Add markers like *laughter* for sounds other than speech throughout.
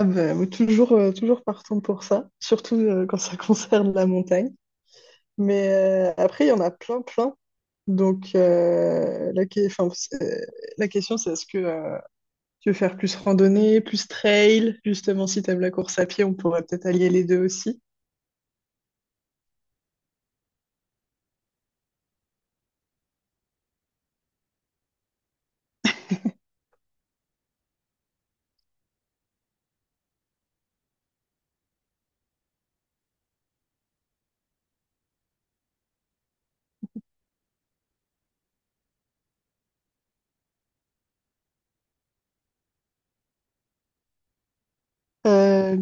Ah ben, oui, toujours, toujours partante pour ça, surtout quand ça *laughs* concerne la montagne. Mais après, il y en a plein, plein. Donc, la question, c'est est-ce que tu veux faire plus randonnée, plus trail? Justement, si tu aimes la course à pied, on pourrait peut-être allier les deux aussi. Euh,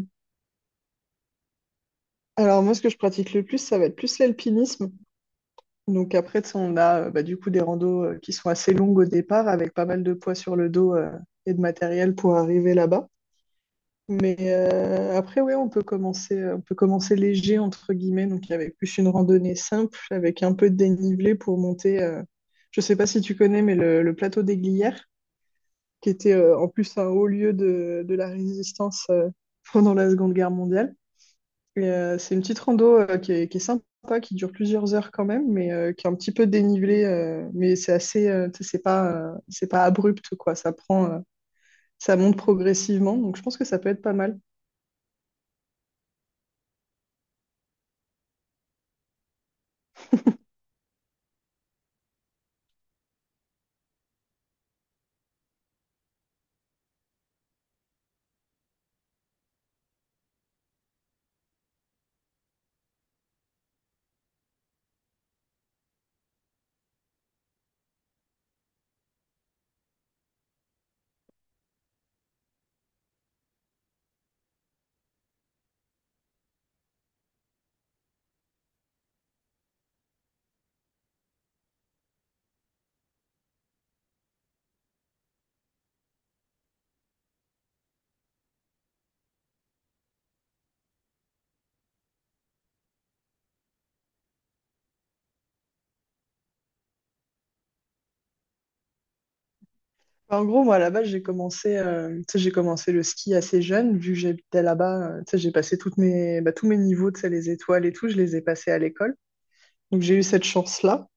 alors, moi, ce que je pratique le plus, ça va être plus l'alpinisme. Donc, après, tu sais, on a bah, du coup des randos qui sont assez longues au départ, avec pas mal de poids sur le dos et de matériel pour arriver là-bas. Mais après, ouais, on peut commencer léger, entre guillemets, donc avec plus une randonnée simple, avec un peu de dénivelé pour monter. Je sais pas si tu connais, mais le plateau des Glières, qui était en plus un haut lieu de la résistance pendant la Seconde Guerre mondiale. Et, c'est une petite rando qui est sympa, qui dure plusieurs heures quand même, mais qui est un petit peu dénivelée. Mais c'est assez, tu sais, c'est pas abrupt, quoi. Ça monte progressivement, donc je pense que ça peut être pas mal. En gros, moi, à la base, j'ai commencé le ski assez jeune, vu que j'habitais là-bas. Tu sais, j'ai passé tous mes niveaux, tu sais, les étoiles et tout, je les ai passés à l'école. Donc, j'ai eu cette chance-là.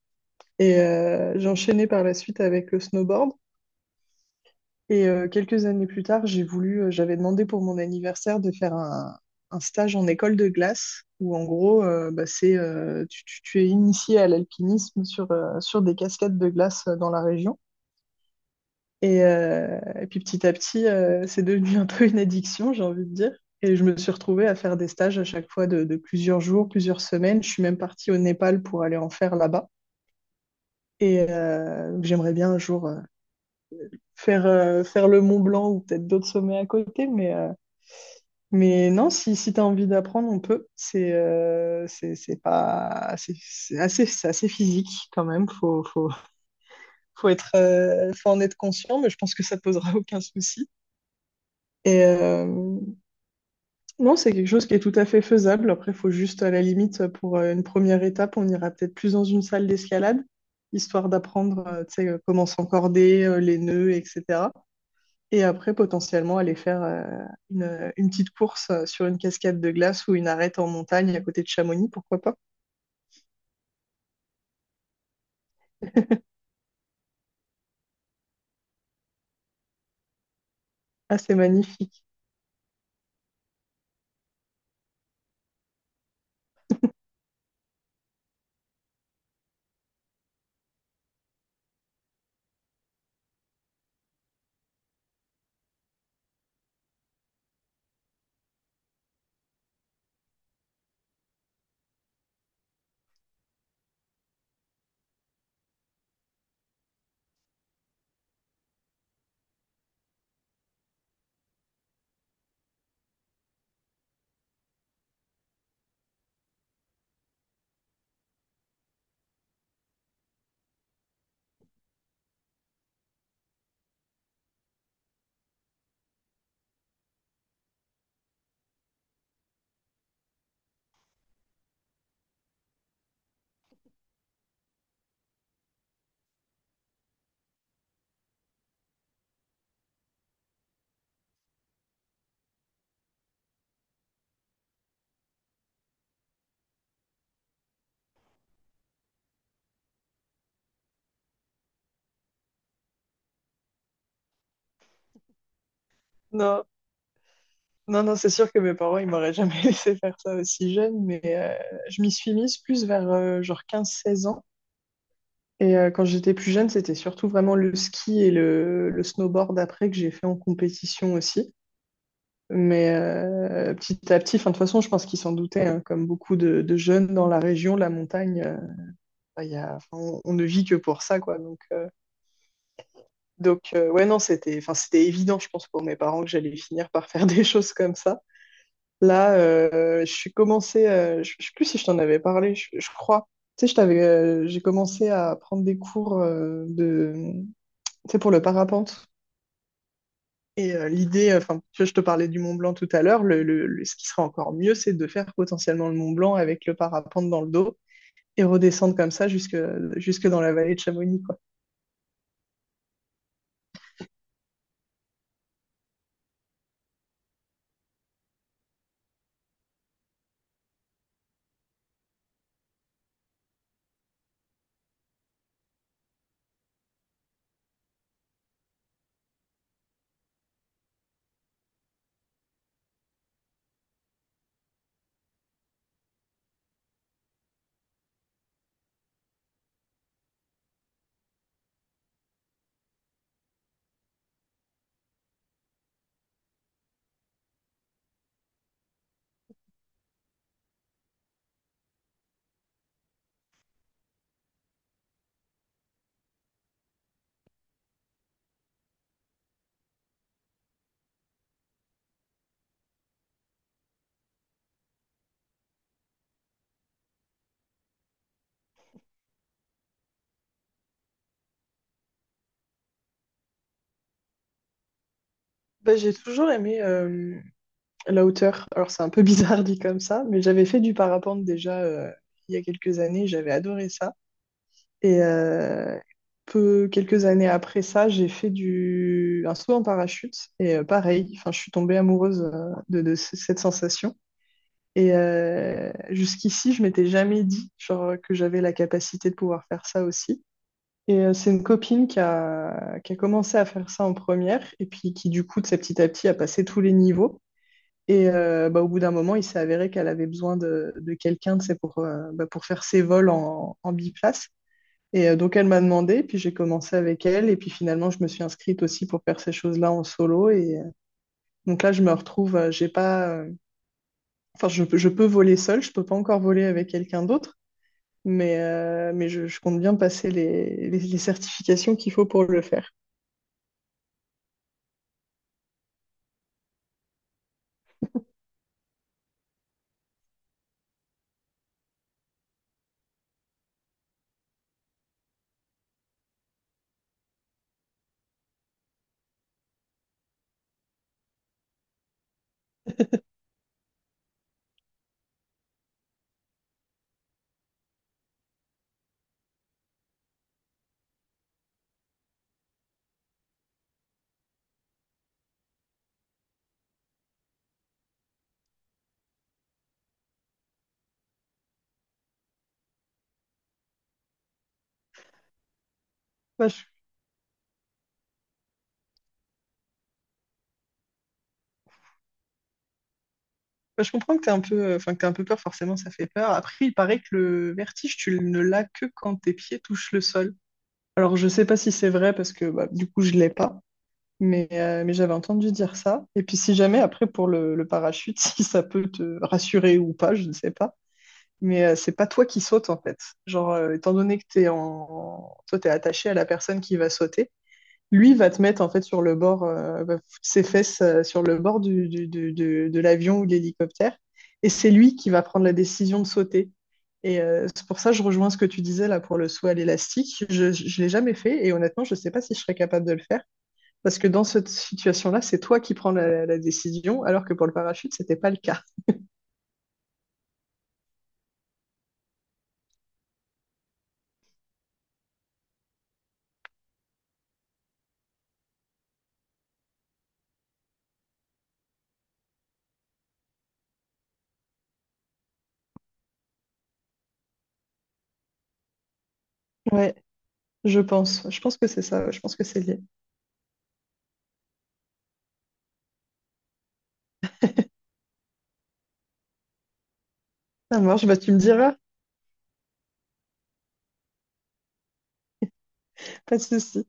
Et j'ai enchaîné par la suite avec le snowboard. Et quelques années plus tard, j'avais demandé pour mon anniversaire de faire un stage en école de glace, où en gros, bah, c'est, tu es initié à l'alpinisme sur, sur des cascades de glace dans la région. Et puis petit à petit, c'est devenu un peu une addiction, j'ai envie de dire. Et je me suis retrouvée à faire des stages à chaque fois de plusieurs jours, plusieurs semaines. Je suis même partie au Népal pour aller en faire là-bas. Et donc j'aimerais bien un jour faire le Mont Blanc ou peut-être d'autres sommets à côté. Mais non, si tu as envie d'apprendre, on peut. C'est c'est pas, c'est c'est assez physique quand même. Faut être, faut en être conscient, mais je pense que ça ne posera aucun souci. Et, non, c'est quelque chose qui est tout à fait faisable. Après, il faut juste, à la limite, pour une première étape, on ira peut-être plus dans une salle d'escalade, histoire d'apprendre, tu sais, comment s'encorder, les nœuds, etc. Et après, potentiellement, aller faire une petite course sur une cascade de glace ou une arête en montagne à côté de Chamonix, pourquoi pas? Ah, c'est magnifique. Non, non, c'est sûr que mes parents, ils m'auraient jamais *laughs* laissé faire ça aussi jeune, mais je m'y suis mise plus vers genre quinze, seize ans. Et quand j'étais plus jeune, c'était surtout vraiment le ski et le snowboard après que j'ai fait en compétition aussi. Mais petit à petit, enfin, de toute façon, je pense qu'ils s'en doutaient, hein, comme beaucoup de jeunes dans la région, la montagne, bah, il y a, enfin, on ne vit que pour ça, quoi. Donc, ouais, non, c'était évident, je pense, pour mes parents que j'allais finir par faire *laughs* des choses comme ça. Là, je suis commencé, je sais plus si je t'en avais parlé, je crois. Tu sais, je t'avais, J'ai commencé à prendre des cours sais, pour le parapente. Et l'idée, enfin, tu vois, je te parlais du Mont Blanc tout à l'heure, ce qui serait encore mieux, c'est de faire potentiellement le Mont Blanc avec le parapente dans le dos et redescendre comme ça jusque, jusque dans la vallée de Chamonix, quoi. Bah, j'ai toujours aimé la hauteur. Alors, c'est un peu bizarre *laughs* dit comme ça, mais j'avais fait du parapente déjà il y a quelques années, j'avais adoré ça. Et quelques années après ça, un saut en parachute et pareil, enfin, je suis tombée amoureuse de cette sensation. Et jusqu'ici, je m'étais jamais dit genre, que j'avais la capacité de pouvoir faire ça aussi. Et c'est une copine qui a commencé à faire ça en première et puis qui, du coup, de sa petit à petit, a passé tous les niveaux. Et bah, au bout d'un moment, il s'est avéré qu'elle avait besoin de quelqu'un tu sais, pour, bah, pour faire ses vols en biplace. Et donc, elle m'a demandé, puis j'ai commencé avec elle. Et puis finalement, je me suis inscrite aussi pour faire ces choses-là en solo. Et donc là, je me retrouve, j'ai pas, Enfin, je peux voler seul, je peux pas encore voler avec quelqu'un d'autre, mais je compte bien passer les certifications qu'il faut pour le faire. *laughs* Bah, je, bah, je comprends que t'es un peu, enfin, que t'aies un peu peur, forcément, ça fait peur. Après, il paraît que le vertige, tu ne l'as que quand tes pieds touchent le sol. Alors, je sais pas si c'est vrai parce que bah, du coup, je l'ai pas, mais j'avais entendu dire ça. Et puis, si jamais, après, pour le parachute, *laughs* si ça peut te rassurer ou pas, je ne sais pas. Mais c'est pas toi qui sautes en fait. Genre, étant donné que t'es en... toi, t'es attaché à la personne qui va sauter, lui va te mettre en fait sur le bord, va foutre ses fesses sur le bord de l'avion ou de l'hélicoptère, et c'est lui qui va prendre la décision de sauter. Et c'est pour ça que je rejoins ce que tu disais là pour le saut à l'élastique. Je ne l'ai jamais fait et honnêtement, je ne sais pas si je serais capable de le faire parce que dans cette situation-là, c'est toi qui prends la décision alors que pour le parachute, c'était pas le cas. Ouais, je pense. Je pense que c'est ça. Je pense que c'est lié. Ça marche, bah tu me diras, pas de souci.